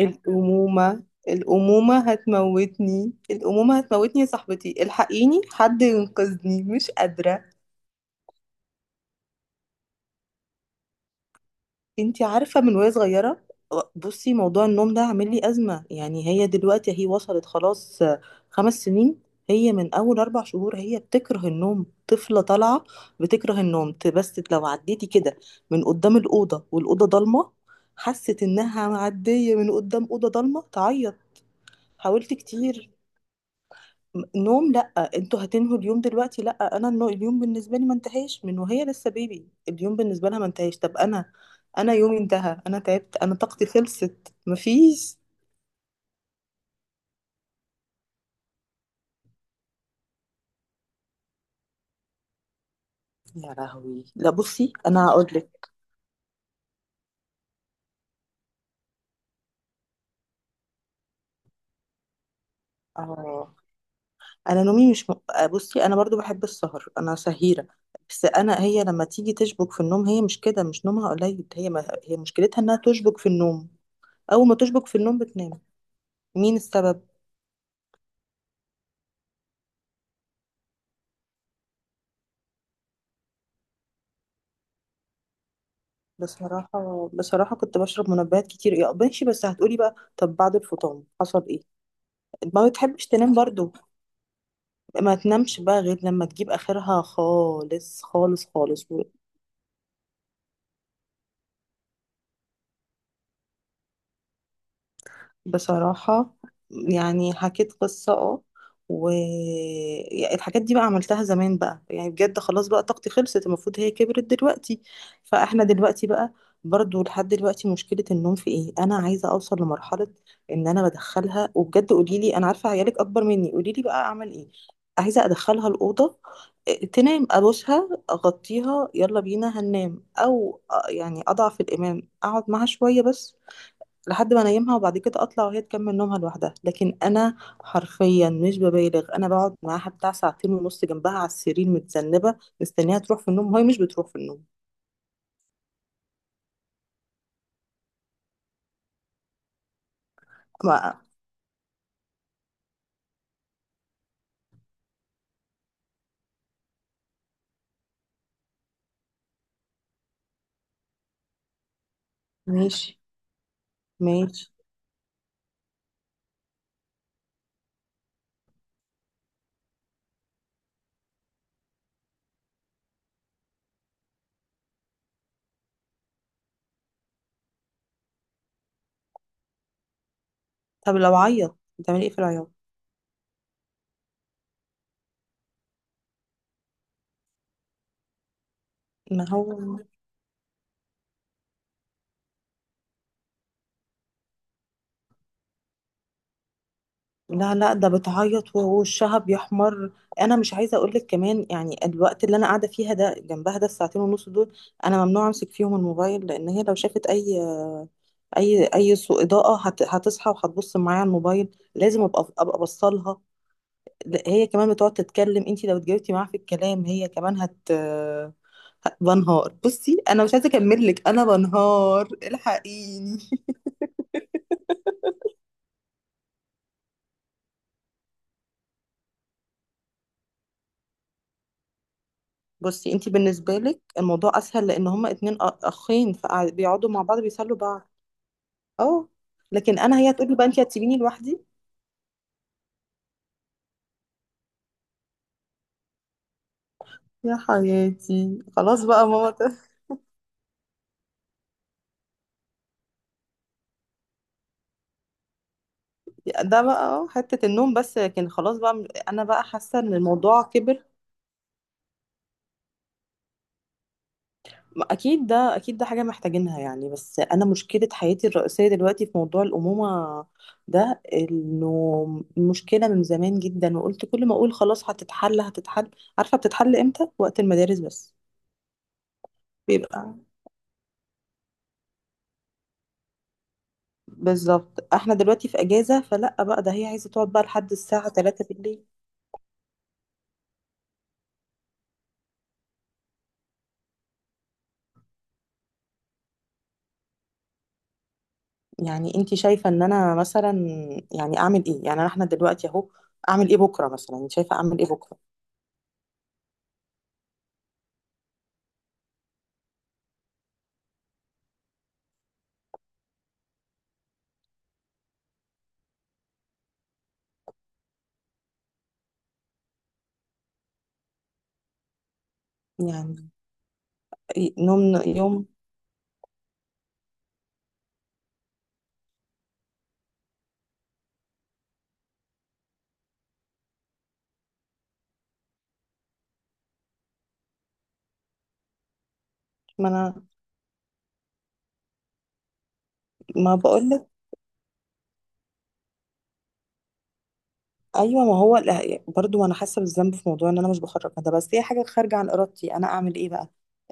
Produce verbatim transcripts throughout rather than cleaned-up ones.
الأمومة. الأمومة هتموتني، الأمومة هتموتني يا صاحبتي، الحقيني حد ينقذني، مش قادرة. انتي عارفة من وهي صغيرة. بصي، موضوع النوم ده عامل لي أزمة، يعني هي دلوقتي هي وصلت خلاص خمس سنين. هي من أول أربع شهور هي بتكره النوم، طفلة طالعة بتكره النوم. ت- بس لو عديتي كده من قدام الأوضة والأوضة ضلمة، حست إنها معدية من قدام أوضة ضلمة، تعيط. حاولت كتير. نوم لا، انتوا هتنهوا اليوم دلوقتي؟ لا، انا النو... اليوم بالنسبه لي ما انتهاش من وهي لسه بيبي، اليوم بالنسبه لها ما انتهاش، طب انا انا يومي انتهى، انا تعبت، انا طاقتي خلصت، مفيش. يا لهوي، لا بصي انا هقول لك. اه. انا نومي مش م... بصي انا برضو بحب السهر، انا سهيره. بس انا، هي لما تيجي تشبك في النوم، هي مش كده، مش نومها قليل، هي ما... هي مشكلتها انها تشبك في النوم، اول ما تشبك في النوم بتنام. مين السبب؟ بصراحة بصراحة كنت بشرب منبهات كتير، يا ماشي، بس هتقولي بقى طب بعد الفطام حصل ايه؟ ما بتحبش تنام برضو، ما تنامش بقى غير لما تجيب اخرها خالص خالص خالص. بصراحة، يعني حكيت قصة، اه، والحاجات دي بقى عملتها زمان بقى، يعني بجد خلاص بقى طاقتي خلصت، المفروض هي كبرت دلوقتي. فاحنا دلوقتي بقى، برضو لحد دلوقتي مشكلة النوم في ايه؟ انا عايزة اوصل لمرحلة ان انا بدخلها، وبجد قولي لي، انا عارفة عيالك اكبر مني، قولي لي بقى اعمل ايه. عايزة ادخلها الأوضة، إيه، تنام، ابوسها، اغطيها، يلا بينا هننام، او آه، يعني اضعف الامام، اقعد معاها شوية بس لحد ما انيمها، وبعد كده اطلع وهي تكمل نومها لوحدها. لكن انا حرفيا مش ببالغ، انا بقعد معاها بتاع ساعتين ونص جنبها على السرير، متذنبه، مستنيها تروح في النوم وهي مش بتروح في النوم. ما ماشي. ماشي. طب لو عيط بتعملي ايه في العياط؟ ما هو، لا لا، ده بتعيط ووشها بيحمر. انا مش عايزه اقول لك كمان، يعني الوقت اللي انا قاعده فيها ده جنبها ده، الساعتين ونص دول، انا ممنوع امسك فيهم الموبايل، لان هي لو شافت اي اي اي سوء اضاءه هت... هتصحى وهتبص معايا على الموبايل، لازم ابقى ابقى بصلها. لا، هي كمان بتقعد تتكلم، انت لو اتجاوبتي معاها في الكلام هي كمان هت هت- بنهار. بصي انا مش عايزه اكمل لك، انا بنهار، الحقيني. بصي انت بالنسبه لك الموضوع اسهل لان هما اتنين أ- اخين، فبيقعدوا مع بعض، بيسلوا بعض. اه، لكن انا هي هتقولي بقى انت هتسيبيني لوحدي، يا حياتي خلاص بقى ماما. ده بقى اه حتة النوم بس، لكن خلاص بقى انا بقى حاسة ان الموضوع كبر. ما اكيد ده، اكيد ده حاجة محتاجينها، يعني بس انا مشكلة حياتي الرئيسية دلوقتي في موضوع الأمومة ده، انه مشكلة من زمان جدا، وقلت كل ما اقول خلاص هتتحل هتتحل. عارفة بتتحل امتى؟ وقت المدارس بس. بيبقى بالظبط، احنا دلوقتي في اجازة فلا بقى، ده هي عايزة تقعد بقى لحد الساعة تلاتة بالليل. يعني انت شايفة ان انا مثلا، يعني اعمل ايه؟ يعني احنا دلوقتي اهو، اعمل ايه بكرة مثلا؟ انت شايفة اعمل ايه بكرة؟ يعني إيه نوم يوم؟ ما انا، ما بقولك. ايوه، ما هو لا، برضو انا حاسة بالذنب في موضوع ان انا مش بخرج ده، بس هي حاجة خارجة عن ارادتي، انا اعمل ايه بقى.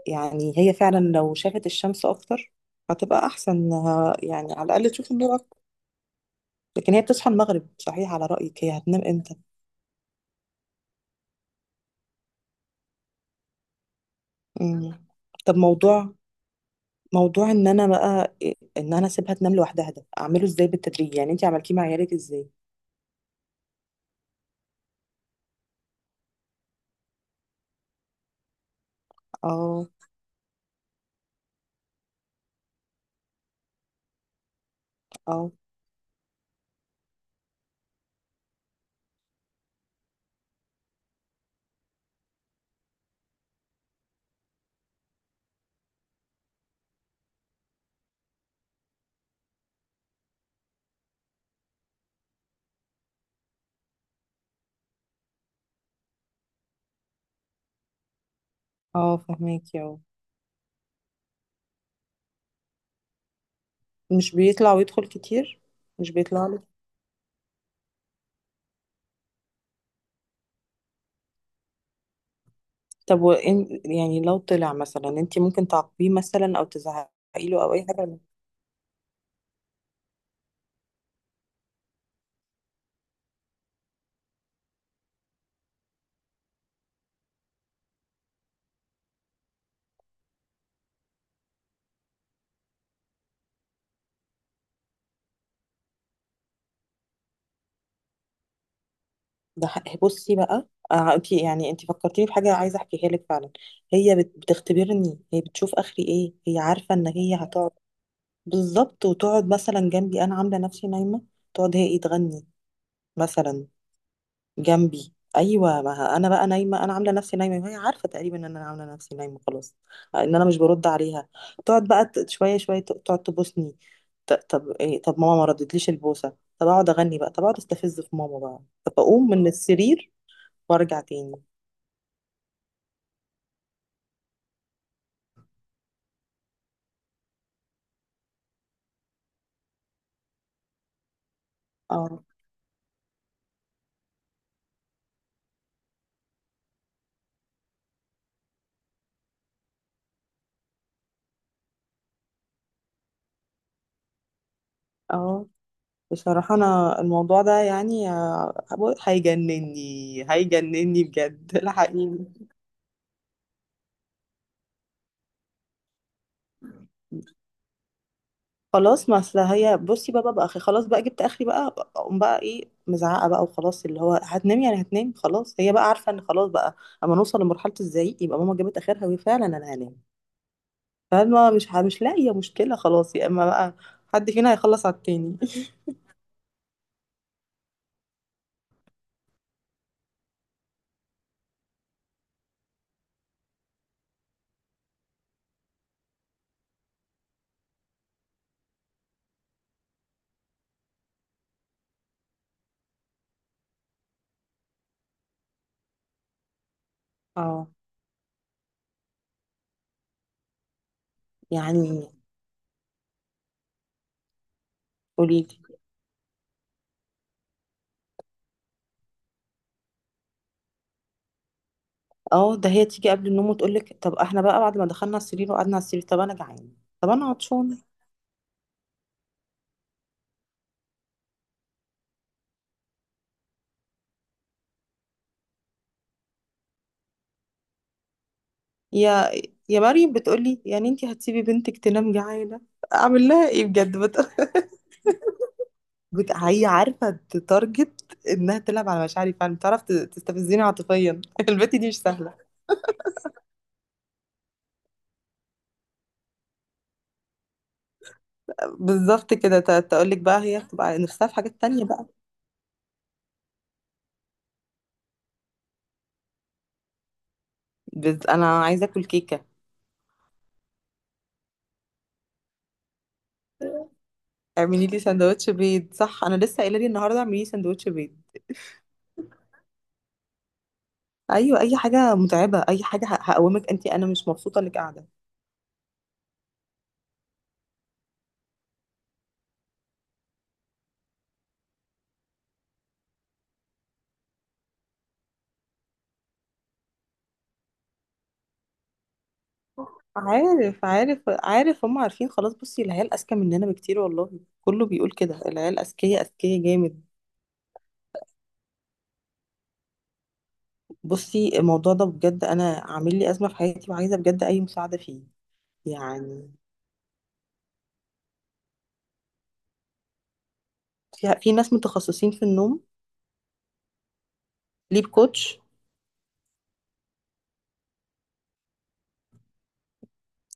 يعني هي فعلا لو شافت الشمس اكتر هتبقى احسن، إنها يعني على الاقل تشوف النور اكتر. لكن هي بتصحى المغرب، صحيح على رأيك هي هتنام امتى؟ مم. طب موضوع، موضوع ان انا بقى ان انا اسيبها تنام لوحدها، ده اعمله ازاي بالتدريج، يعني انتي عملتيه مع عيالك ازاي؟ اه، اه، اه فهماكي، اه. مش بيطلع ويدخل كتير؟ مش بيطلع لك؟ طب وإن يعني لو طلع مثلا، انتي ممكن تعاقبيه مثلا او تزعقي له او اي حاجه؟ ده حق- بصي بقى، آه انتي يعني انتي فكرتيني بحاجه عايزه احكيها لك فعلا. هي بت- بتختبرني، هي بتشوف اخري ايه، هي عارفه ان هي هتقعد. بالظبط، وتقعد مثلا جنبي انا عامله نفسي نايمه، تقعد هي ايه، تغني مثلا جنبي. ايوه، ما ه- انا بقى نايمه، انا عامله نفسي نايمه، وهي عارفه تقريبا ان انا عامله نفسي نايمه، خلاص ان انا مش برد عليها. تقعد بقى ت- شويه شويه، ت- تقعد تبوسني، ط- طب ايه، طب ماما ما ردتليش البوسه، طب اقعد اغني بقى، طب اقعد استفز في ماما بقى. طب اقوم من السرير وارجع تاني. اه، اه. بصراحه انا الموضوع ده يعني آه، هيجنني، هيجنني بجد الحقيقي. خلاص، ما اصل هي، بصي بقى بقى اخي، خلاص بقى جبت اخري بقى، اقوم بقى ايه مزعقه بقى، وخلاص اللي هو هتنام. يعني هتنام خلاص، هي بقى عارفه ان خلاص بقى اما نوصل لمرحله الزعيق يبقى ماما جابت اخرها، وهي فعلا انا هنام. فاهمه، مش ه- مش لاقيه مشكله، خلاص يا اما بقى حد فينا هيخلص على التاني. اه، يعني قولي لي. اه ده هي تيجي قبل النوم وتقول لك طب احنا بقى بعد ما دخلنا على السرير وقعدنا على السرير، طب انا جعانه، طب انا عطشانه. يا، يا مريم بتقولي يعني انت هتسيبي بنتك تنام جعانه؟ اعمل لها ايه بجد؟ بت- هي عارفه تتارجت انها تلعب على مشاعري، فعلا بتعرف ت- تستفزني عاطفيا. البت دي مش سهله. بالظبط كده، تقول لك بقى هي بتبقى نفسها في حاجات تانية بقى. بز... انا عايزه اكل كيكه، اعملي لي سندوتش بيض. صح، انا لسه قايله لي النهارده اعملي لي سندوتش بيض. ايوه، اي حاجه متعبه، اي حاجه ه- هقومك، انت انا مش مبسوطه انك قاعده. عارف، عارف، عارف، هم عارفين خلاص، بصي العيال اذكى مننا بكتير، والله كله بيقول كده، العيال اذكياء اذكياء جامد. بصي الموضوع ده بجد انا عامل لي ازمه في حياتي، وعايزه بجد اي مساعده فيه. يعني في في ناس متخصصين في النوم، ليب كوتش.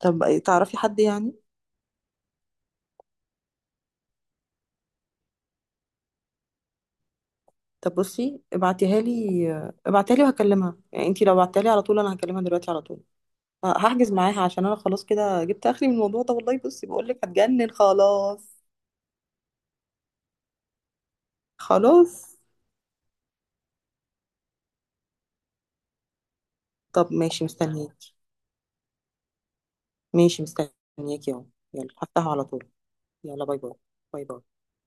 طب تعرفي حد يعني؟ طب بصي ابعتيها لي، ابعتيها لي وهكلمها، يعني انتي لو بعتيها لي على طول انا هكلمها دلوقتي على طول. ه- هحجز معاها، عشان انا خلاص كده جبت اخري من الموضوع ده، والله بصي بقول لك هتجنن خلاص. خلاص. طب ماشي، مستنياكي. ماشي مستنياكي اهو. يلا هفتحه على طول. يلا باي باي. باي باي.